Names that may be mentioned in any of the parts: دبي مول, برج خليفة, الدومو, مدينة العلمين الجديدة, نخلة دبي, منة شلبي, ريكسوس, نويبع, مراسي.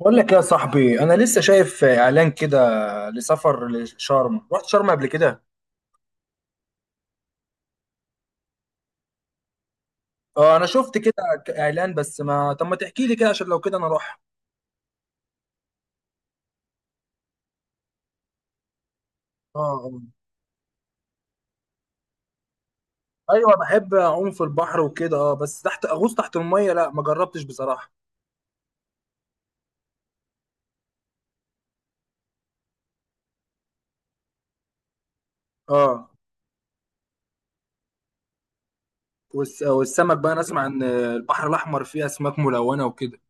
بقول لك يا صاحبي انا لسه شايف اعلان كده لسفر لشرم. رحت شرم قبل كده. اه، انا شفت كده اعلان. بس ما طب ما تحكي لي كده عشان لو كده انا اروح. اه. ايوه بحب اعوم في البحر وكده. اه بس تحت اغوص تحت الميه لا ما جربتش بصراحه. اه، والسمك بقى، انا اسمع ان البحر الاحمر فيه اسماك ملونه وكده.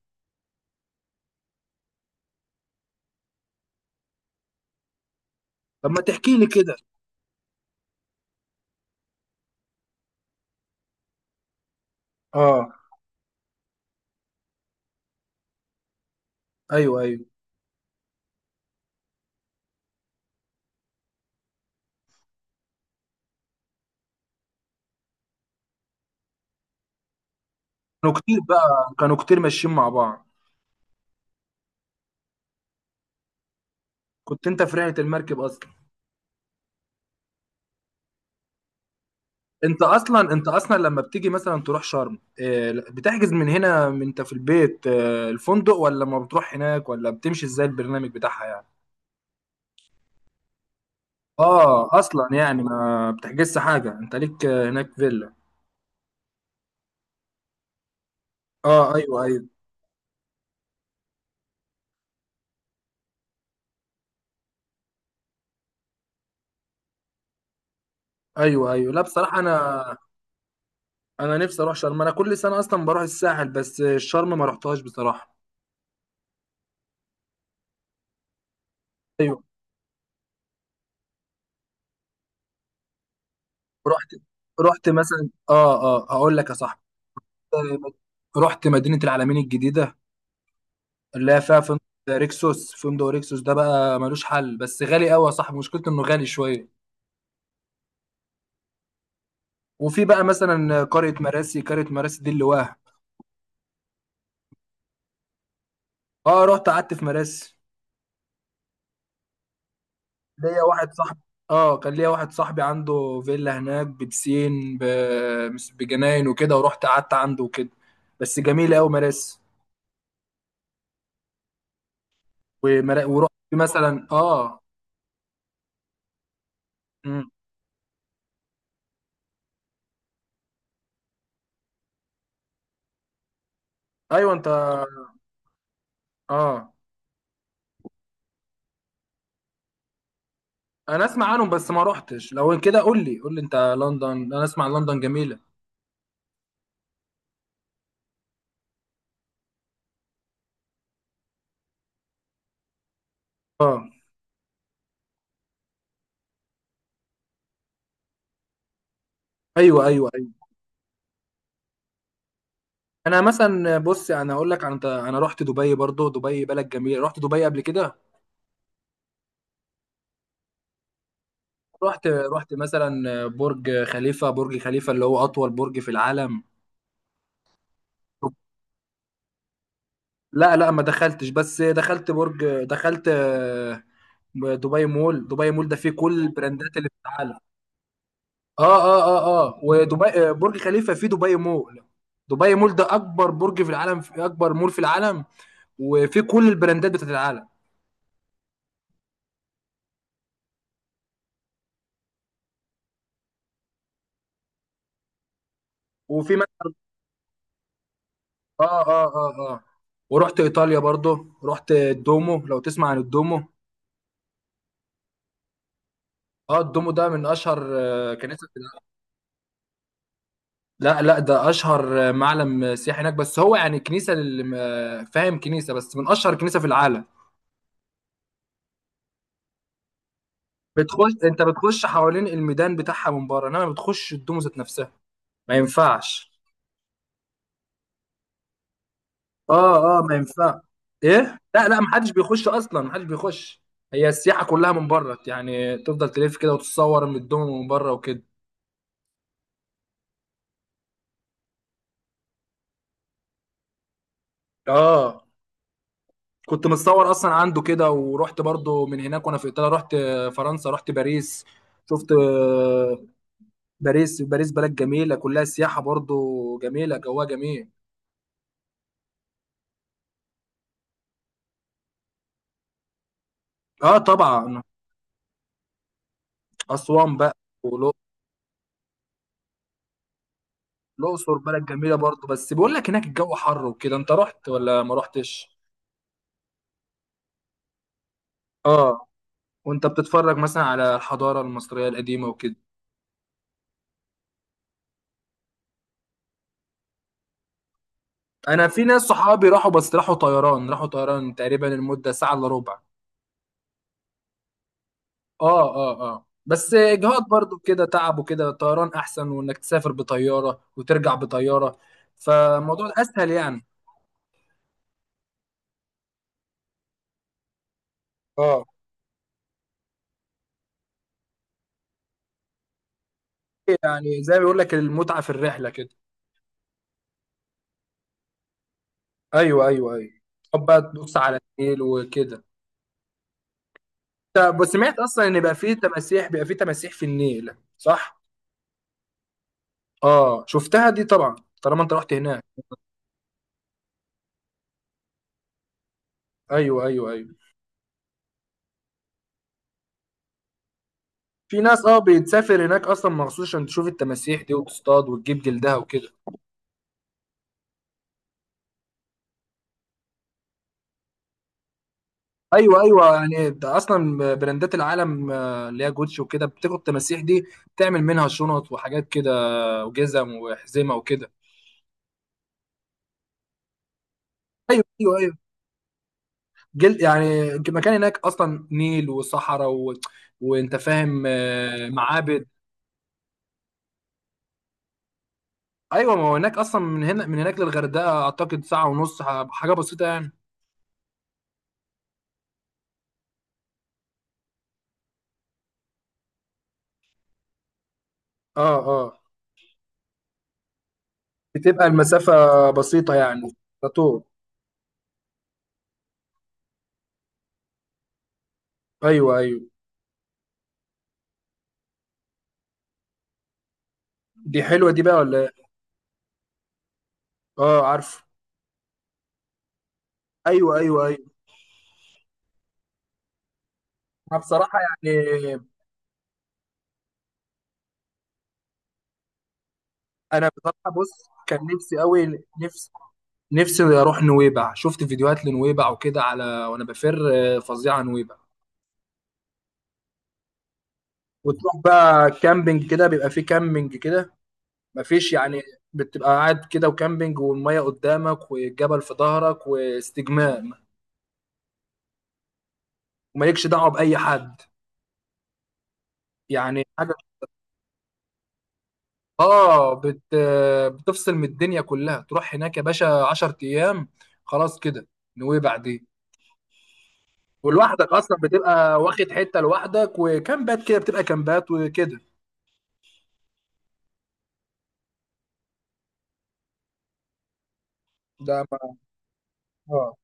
طب ما تحكي لي كده. اه، ايوه ايوه. كانوا كتير بقى، كانوا كتير ماشيين مع بعض. كنت انت في رحله المركب اصلا؟ انت اصلا، انت اصلا لما بتيجي مثلا تروح شرم، بتحجز من هنا، من انت في البيت، الفندق، ولا ما بتروح هناك، ولا بتمشي ازاي البرنامج بتاعها يعني؟ اه، اصلا يعني ما بتحجزش حاجه، انت ليك هناك فيلا. اه ايوه ايوه ايوه ايوه. لا بصراحه انا نفسي اروح شرم. انا كل سنه اصلا بروح الساحل، بس شرم ما رحتهاش بصراحه. ايوه. رحت رحت مثلا، اه، هقول لك يا صاحبي. آه، رحت مدينه العلمين الجديده، اللي هي فيها فندق ريكسوس. فندق ريكسوس ده بقى ملوش حل، بس غالي قوي يا صاحبي. مشكلته انه غالي شويه. وفي بقى مثلا قريه مراسي. قريه مراسي دي اللي واه. اه، رحت قعدت في مراسي. ليا واحد صاحبي، اه كان ليا واحد صاحبي عنده فيلا هناك ببسين بجناين وكده، ورحت قعدت عنده وكده. بس جميله قوي مراسي. ورحت مثلا اه. مم. ايوه انت. اه انا اسمع عنهم بس ما رحتش. لو كده قول لي، قول لي انت لندن. انا اسمع لندن جميله. اه ايوه ايوه أيوة. انا مثلا، بص انا اقول لك، انا رحت دبي برضو. دبي بلد جميله. رحت دبي قبل كده. رحت مثلا برج خليفه. برج خليفه اللي هو اطول برج في العالم. لا لا ما دخلتش. بس دخلت برج، دخلت دبي مول. دبي مول ده فيه كل البراندات اللي في العالم. اه اه اه اه. ودبي برج خليفه فيه دبي مول. دبي مول ده اكبر برج في العالم، في اكبر مول في العالم، وفيه كل البراندات بتاعت العالم. وفي اه اه اه اه. ورحت ايطاليا برضو. رحت الدومو، لو تسمع عن الدومو. اه، الدومو ده من اشهر كنيسه في العالم. لا لا، ده اشهر معلم سياحي هناك. بس هو يعني كنيسه، فاهم، كنيسه، بس من اشهر كنيسه في العالم. بتخش، انت بتخش حوالين الميدان بتاعها من بره، انما بتخش الدومو ذات نفسها ما ينفعش. اه اه ما ينفع. ايه لا لا، محدش بيخش اصلا، محدش بيخش. هي السياحه كلها من بره يعني. تفضل تلف كده وتتصور من الدومو من بره وكده. اه، كنت متصور اصلا عنده كده. ورحت برضو من هناك وانا في ايطاليا، رحت فرنسا. رحت باريس. شفت باريس. باريس بلد جميله، كلها سياحه برضو، جميله، جواها جميل. اه طبعا. اسوان بقى، والأقصر. الأقصر بلد جميله برضو، بس بيقول لك هناك الجو حر وكده. انت رحت ولا ما رحتش؟ اه. وانت بتتفرج مثلا على الحضاره المصريه القديمه وكده. انا في ناس صحابي راحوا، بس راحوا طيران. راحوا طيران، تقريبا المده ساعه الا ربع. اه اه اه. بس اجهاض برضو كده، تعب وكده. طيران احسن، وانك تسافر بطياره وترجع بطياره، فالموضوع اسهل يعني. اه، يعني زي ما بيقول لك، المتعه في الرحله كده. ايوه ايوه ايوه. طب بقى تبص على النيل وكده. طب بس سمعت اصلا ان بقى فيه تماسيح، بيبقى فيه تماسيح في النيل صح؟ اه، شفتها دي طبعا، طالما انت رحت هناك. ايوه ايوه ايوه. في ناس اه بتسافر هناك اصلا مخصوص عشان تشوف التماسيح دي، وتصطاد وتجيب جلدها وكده. ايوه ايوه. يعني ده اصلا براندات العالم اللي هي جوتشي وكده، بتاخد التماسيح دي تعمل منها شنط وحاجات كده، وجزم وحزمه وكده. ايوه ايوه ايوه. جل، يعني مكان هناك اصلا نيل وصحراء وانت فاهم، معابد. ايوه ما هو هناك اصلا، من هنا من هناك للغردقه اعتقد ساعه ونص، حاجه بسيطه يعني. اه اه. بتبقى المسافه بسيطه يعني، على طول. ايوه ايوه. دي حلوه دي بقى ولا إيه؟ اه عارف. ايوه ايوه ايوه. انا بصراحه يعني، انا بصراحه بص، كان نفسي قوي، نفسي، نفسي اروح نويبع. شفت فيديوهات لنويبع وكده على وانا بفر. فظيعه نويبع. وتروح بقى كامبينج كده. بيبقى فيه كامبينج كده، مفيش يعني. بتبقى قاعد كده، وكامبينج، والميه قدامك، والجبل في ظهرك، واستجمام، ومالكش دعوه باي حد، يعني حاجه. اه بت... آه، بتفصل من الدنيا كلها. تروح هناك يا باشا 10 ايام، خلاص كده، نويبع دي. ولوحدك اصلا، بتبقى واخد حته لوحدك، وكامبات كده، بتبقى كامبات وكده. ده ما اه،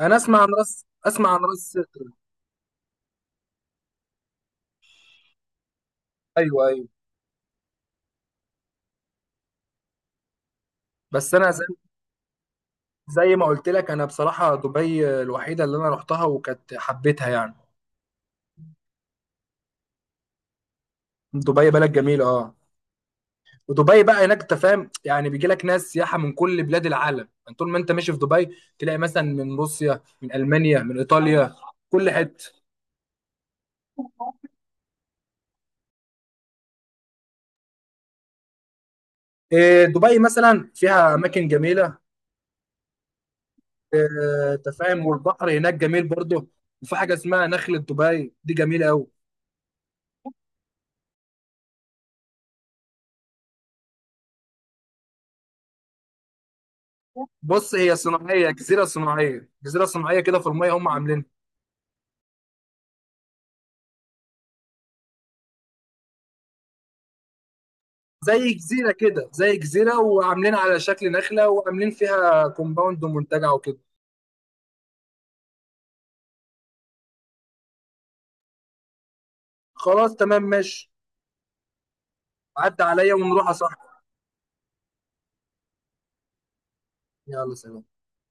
انا اسمع عن راس، اسمع عن راس. ايوه ايوه. بس انا زي, زي ما قلت لك، انا بصراحه دبي الوحيده اللي انا رحتها وكانت حبيتها يعني. دبي بلد جميله اه. ودبي بقى هناك انت فاهم يعني، بيجي لك ناس سياحه من كل بلاد العالم يعني. طول ما انت ماشي في دبي تلاقي مثلا من روسيا، من المانيا، من ايطاليا، كل حته. إيه، دبي مثلا فيها اماكن جميله. انت فاهم، والبحر هناك جميل برضه. وفي حاجه اسمها نخله دبي، دي جميله قوي. بص هي صناعيه، جزيره صناعيه، جزيره صناعيه كده في الميه، هم عاملينها. زي جزيره كده، زي جزيره، وعاملين على شكل نخله، وعاملين فيها كومباوند ومنتجع وكده. خلاص تمام ماشي. عدى عليا ونروح يا صاحبي. يلا سلام.